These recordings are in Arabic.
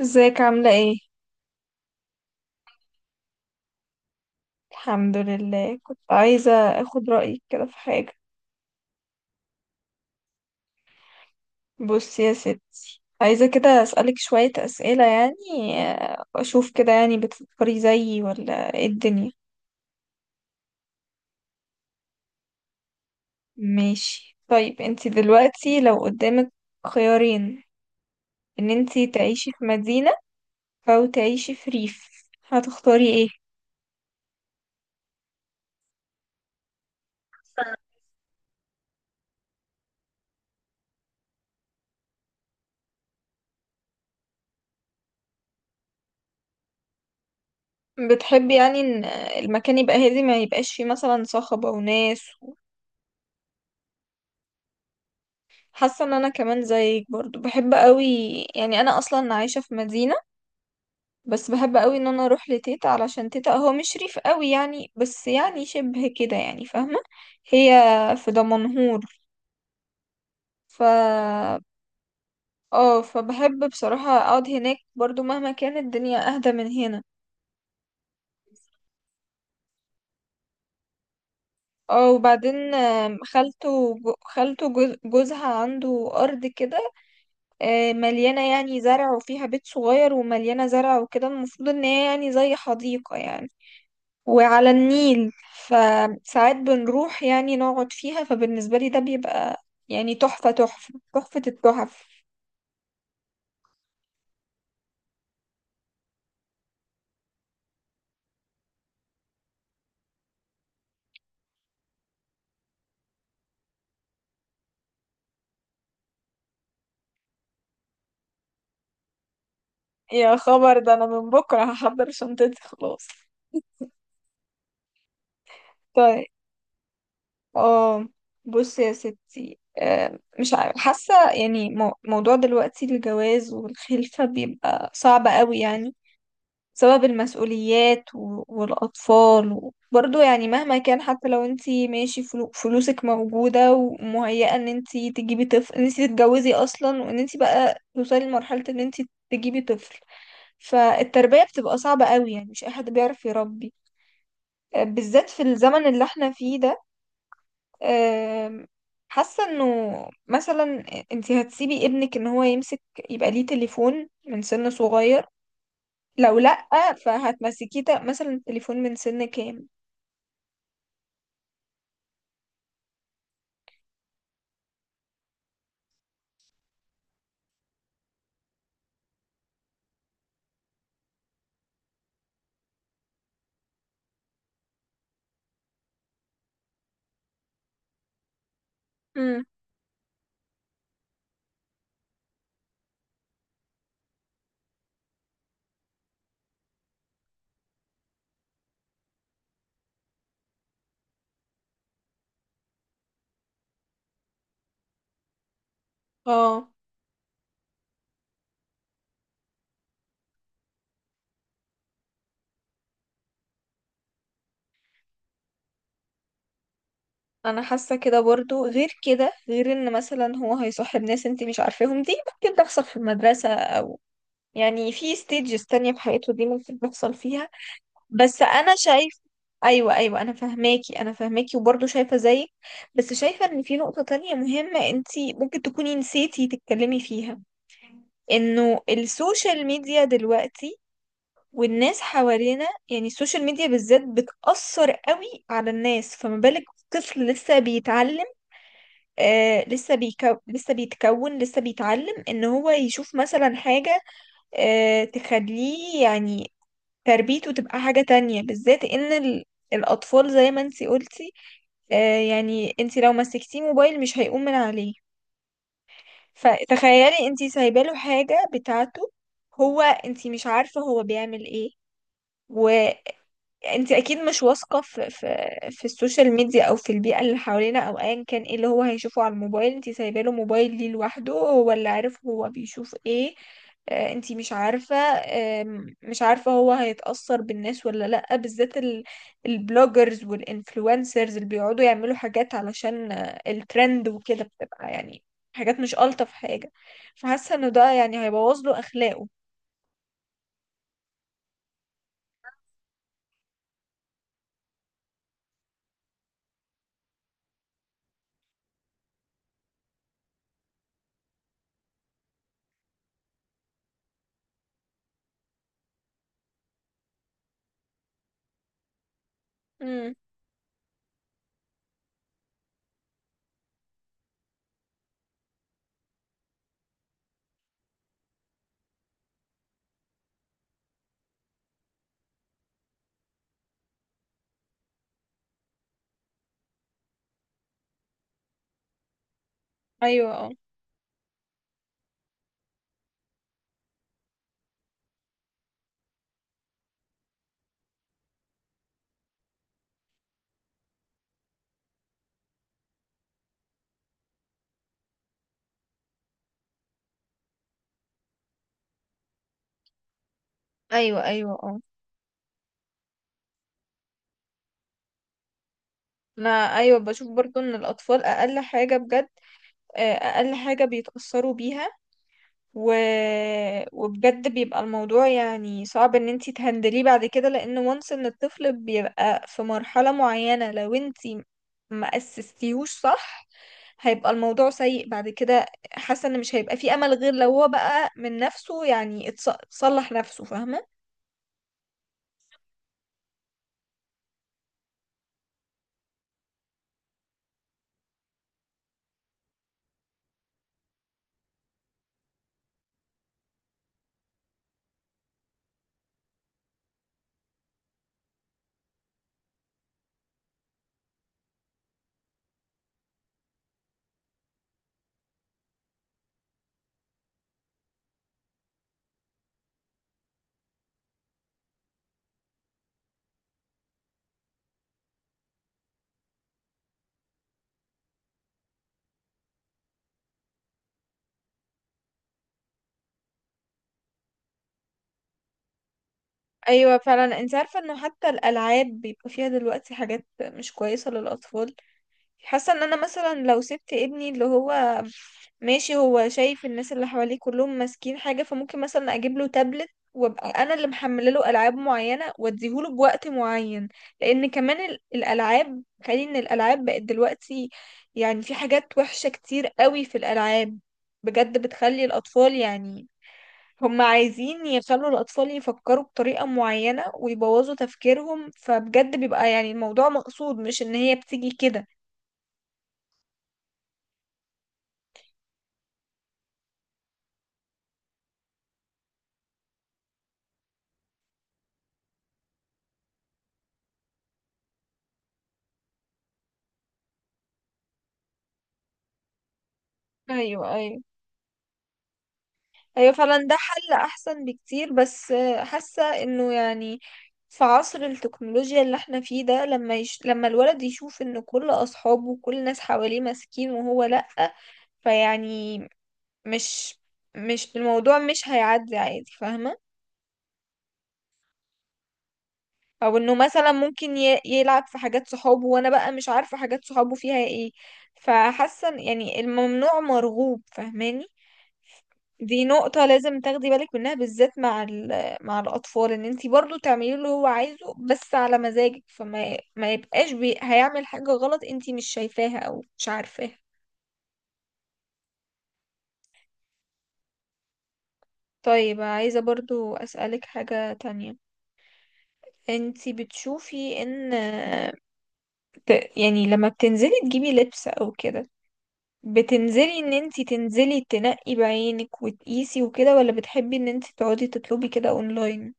ازيك عاملة ايه؟ الحمد لله، كنت عايزة اخد رأيك كده في حاجة. بصي يا ستي، عايزة كده اسألك شوية اسئلة، يعني اشوف كده يعني بتفكري زيي ولا ايه الدنيا. ماشي، طيب انتي دلوقتي لو قدامك خيارين، ان انتي تعيشي في مدينة او تعيشي في ريف، هتختاري ايه؟ بتحبي يعني ان المكان يبقى هادي، ما يبقاش فيه مثلا صخب او ناس. حاسه ان انا كمان زيك برضو بحب قوي، يعني انا اصلا عايشه في مدينه، بس بحب قوي ان انا اروح لتيتا، علشان تيتا هو مش ريف قوي يعني، بس يعني شبه كده، يعني فاهمه. هي في دمنهور. ف اه فبحب بصراحه اقعد هناك برضو، مهما كانت الدنيا اهدى من هنا. اه، وبعدين خالته جو- خالته جوز- جوزها عنده ارض كده، مليانه يعني زرع، وفيها بيت صغير ومليانه زرع وكده، المفروض ان هي يعني زي حديقه يعني، وعلى النيل، فساعات بنروح يعني نقعد فيها، فبالنسبة لي ده بيبقى يعني تحفة تحفة تحفة التحف. يا خبر، ده انا من بكره هحضر شنطتي خلاص. طيب. اه. بص يا ستي، مش عارف، حاسة يعني موضوع دلوقتي الجواز والخلفة بيبقى صعب قوي يعني، بسبب المسؤوليات والأطفال برضو، يعني مهما كان، حتى لو انتي ماشي فلوسك موجودة ومهيئة ان انتي تجيبي طفل، ان انتي تتجوزي أصلا، وان انتي بقى توصلي لمرحلة ان انتي تجيبي طفل، فالتربية بتبقى صعبة قوي يعني، مش أي حد بيعرف يربي، بالذات في الزمن اللي احنا فيه ده. آم، حاسة انه مثلا انتي هتسيبي ابنك ان هو يمسك، يبقى ليه تليفون من سن صغير؟ لو لأ، فهتمسكيه مثلا التليفون من سن كام؟ امم. اه، انا حاسه كده برضو، غير كده، غير ان مثلا هو هيصاحب ناس انتي مش عارفاهم، دي ممكن تحصل في المدرسه او يعني في ستيجز تانية في حياته، دي ممكن تحصل فيها. بس انا شايف. ايوه، ايوه، انا فاهماكي، انا فاهماكي، وبرضو شايفه زيك، بس شايفه ان في نقطه تانية مهمه انتي ممكن تكوني نسيتي تتكلمي فيها، انه السوشيال ميديا دلوقتي والناس حوالينا، يعني السوشيال ميديا بالذات بتأثر قوي على الناس، فما بالك طفل لسه بيتعلم، لسه بيتكون، لسه بيتعلم ان هو يشوف مثلا حاجة تخليه يعني تربيته تبقى حاجة تانية، بالذات ان الأطفال زي ما انتي قلتي، يعني انتي لو مسكتيه موبايل مش هيقوم من عليه. فتخيلي انتي سايباله حاجة بتاعته، هو انتي مش عارفة هو بيعمل ايه، انت اكيد مش واثقه في السوشيال ميديا او في البيئه اللي حوالينا او ايا كان، ايه اللي هو هيشوفه على الموبايل؟ انت سايبه له موبايل ليه لوحده؟ هو اللي عارف هو بيشوف ايه. انت مش عارفه، مش عارفه هو هيتاثر بالناس ولا لا، بالذات البلوجرز والانفلونسرز اللي بيقعدوا يعملوا حاجات علشان الترند وكده، بتبقى يعني حاجات مش الطف حاجه، فحاسه انه ده يعني هيبوظ له اخلاقه. امم. ايوه، اه. ايوه، ايوه، اه. انا ايوه بشوف برضو ان الاطفال اقل حاجه بجد، اقل حاجه بيتاثروا بيها و... وبجد بيبقى الموضوع يعني صعب ان انتي تهندليه بعد كده، لان وانس ان الطفل بيبقى في مرحله معينه، لو انتي ما اسستيهوش صح هيبقى الموضوع سيء بعد كده. حاسه ان مش هيبقى فيه امل غير لو هو بقى من نفسه يعني اتصلح نفسه، فاهمه. ايوه فعلا، انت عارفه انه حتى الالعاب بيبقى فيها دلوقتي حاجات مش كويسه للاطفال. حاسه ان انا مثلا لو سبت ابني اللي هو ماشي، هو شايف الناس اللي حواليه كلهم ماسكين حاجه، فممكن مثلا اجيب له تابلت، وابقى انا اللي محمله له العاب معينه واديهوله بوقت معين، لان كمان الالعاب، خلي ان الالعاب بقت دلوقتي يعني في حاجات وحشه كتير قوي في الالعاب، بجد بتخلي الاطفال يعني، هم عايزين يخلوا الأطفال يفكروا بطريقة معينة ويبوظوا تفكيرهم، فبجد بيبقى يعني الموضوع مقصود، مش إن هي بتيجي كده. ايوه، ايوه. ايوه فعلا، ده حل احسن بكتير، بس حاسه انه يعني في عصر التكنولوجيا اللي احنا فيه ده، لما الولد يشوف ان كل اصحابه وكل الناس حواليه ماسكين وهو لأ، فيعني مش مش الموضوع مش هيعدي عادي، فاهمه. او انه مثلا ممكن يلعب في حاجات صحابه، وانا بقى مش عارفه حاجات صحابه فيها ايه، فحاسه يعني الممنوع مرغوب، فاهماني. دي نقطة لازم تاخدي بالك منها، بالذات مع مع الأطفال، إن انتي برضو تعملي له اللي هو عايزه بس على مزاجك، فما ما يبقاش هيعمل حاجة غلط انتي مش شايفاها أو مش عارفاها. طيب، عايزة برضو أسألك حاجة تانية. انتي بتشوفي إن ت... يعني لما بتنزلي تجيبي لبس أو كده، بتنزلي إن انتي تنزلي تنقي بعينك وتقيسي وكده، ولا بتحبي إن انتي تقعدي تطلبي كده أونلاين؟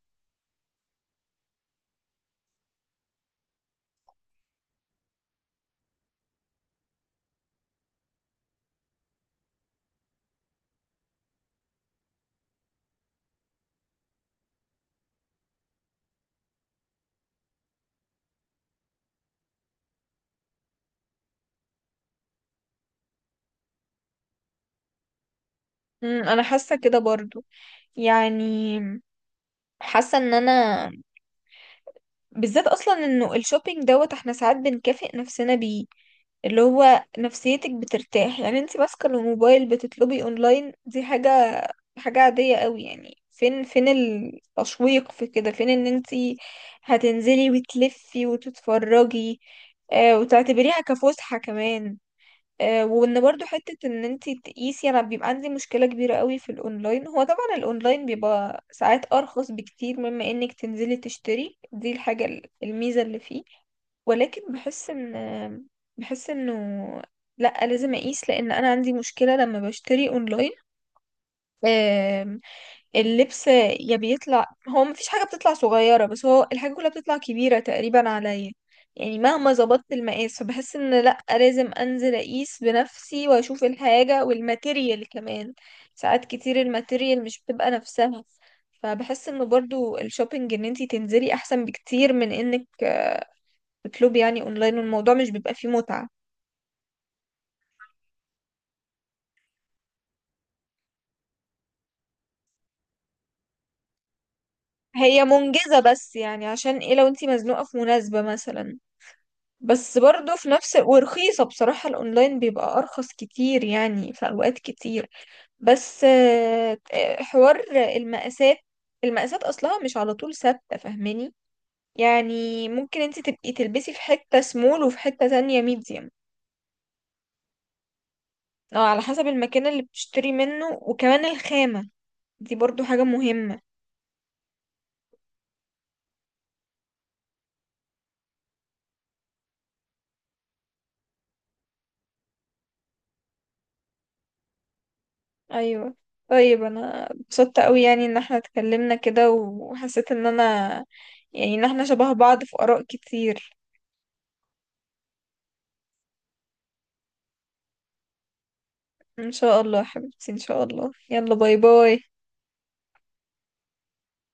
مم، أنا حاسة كده برضو، يعني حاسه ان انا، بالذات اصلا انه الشوبينج دوت، احنا ساعات بنكافئ نفسنا بيه، اللي هو نفسيتك بترتاح، يعني انت ماسكه الموبايل بتطلبي اونلاين، دي حاجه عاديه قوي، يعني فين التشويق في كده، فين ان انت هتنزلي وتلفي وتتفرجي وتعتبريها كفسحه كمان، وان برضو حتة ان انتي تقيسي، انا بيبقى عندي مشكلة كبيرة قوي في الاونلاين. هو طبعا الاونلاين بيبقى ساعات ارخص بكتير مما انك تنزلي تشتري، دي الحاجة الميزة اللي فيه، ولكن بحس ان، آه، بحس انه لا، لازم اقيس، لان انا عندي مشكلة لما بشتري اونلاين اللبس، يا بيطلع هو مفيش حاجة بتطلع صغيرة، بس هو الحاجة كلها بتطلع كبيرة تقريبا عليا، يعني مهما ظبطت المقاس فبحس ان لأ، لازم انزل اقيس بنفسي واشوف الحاجة والماتيريال كمان، ساعات كتير الماتيريال مش بتبقى نفسها. فبحس ان برضو الشوبينج ان انتي تنزلي احسن بكتير من انك تطلبي يعني اونلاين، والموضوع مش بيبقى فيه متعة. هي منجزة بس، يعني عشان ايه؟ لو انتي مزنوقة في مناسبة مثلا. بس برضه في نفس، ورخيصة بصراحة، الأونلاين بيبقى أرخص كتير يعني في أوقات كتير، بس حوار المقاسات المقاسات أصلها مش على طول ثابتة، فاهماني، يعني ممكن انت تبقي تلبسي في حتة سمول وفي حتة تانية ميديم، أو على حسب المكان اللي بتشتري منه، وكمان الخامة، دي برضو حاجة مهمة. أيوة. طيب أنا اتبسطت أوي، يعني إن احنا اتكلمنا كده، وحسيت إن أنا، يعني إن احنا شبه بعض في آراء كتير. ان شاء الله يا حبيبتي، ان شاء الله، يلا، باي باي.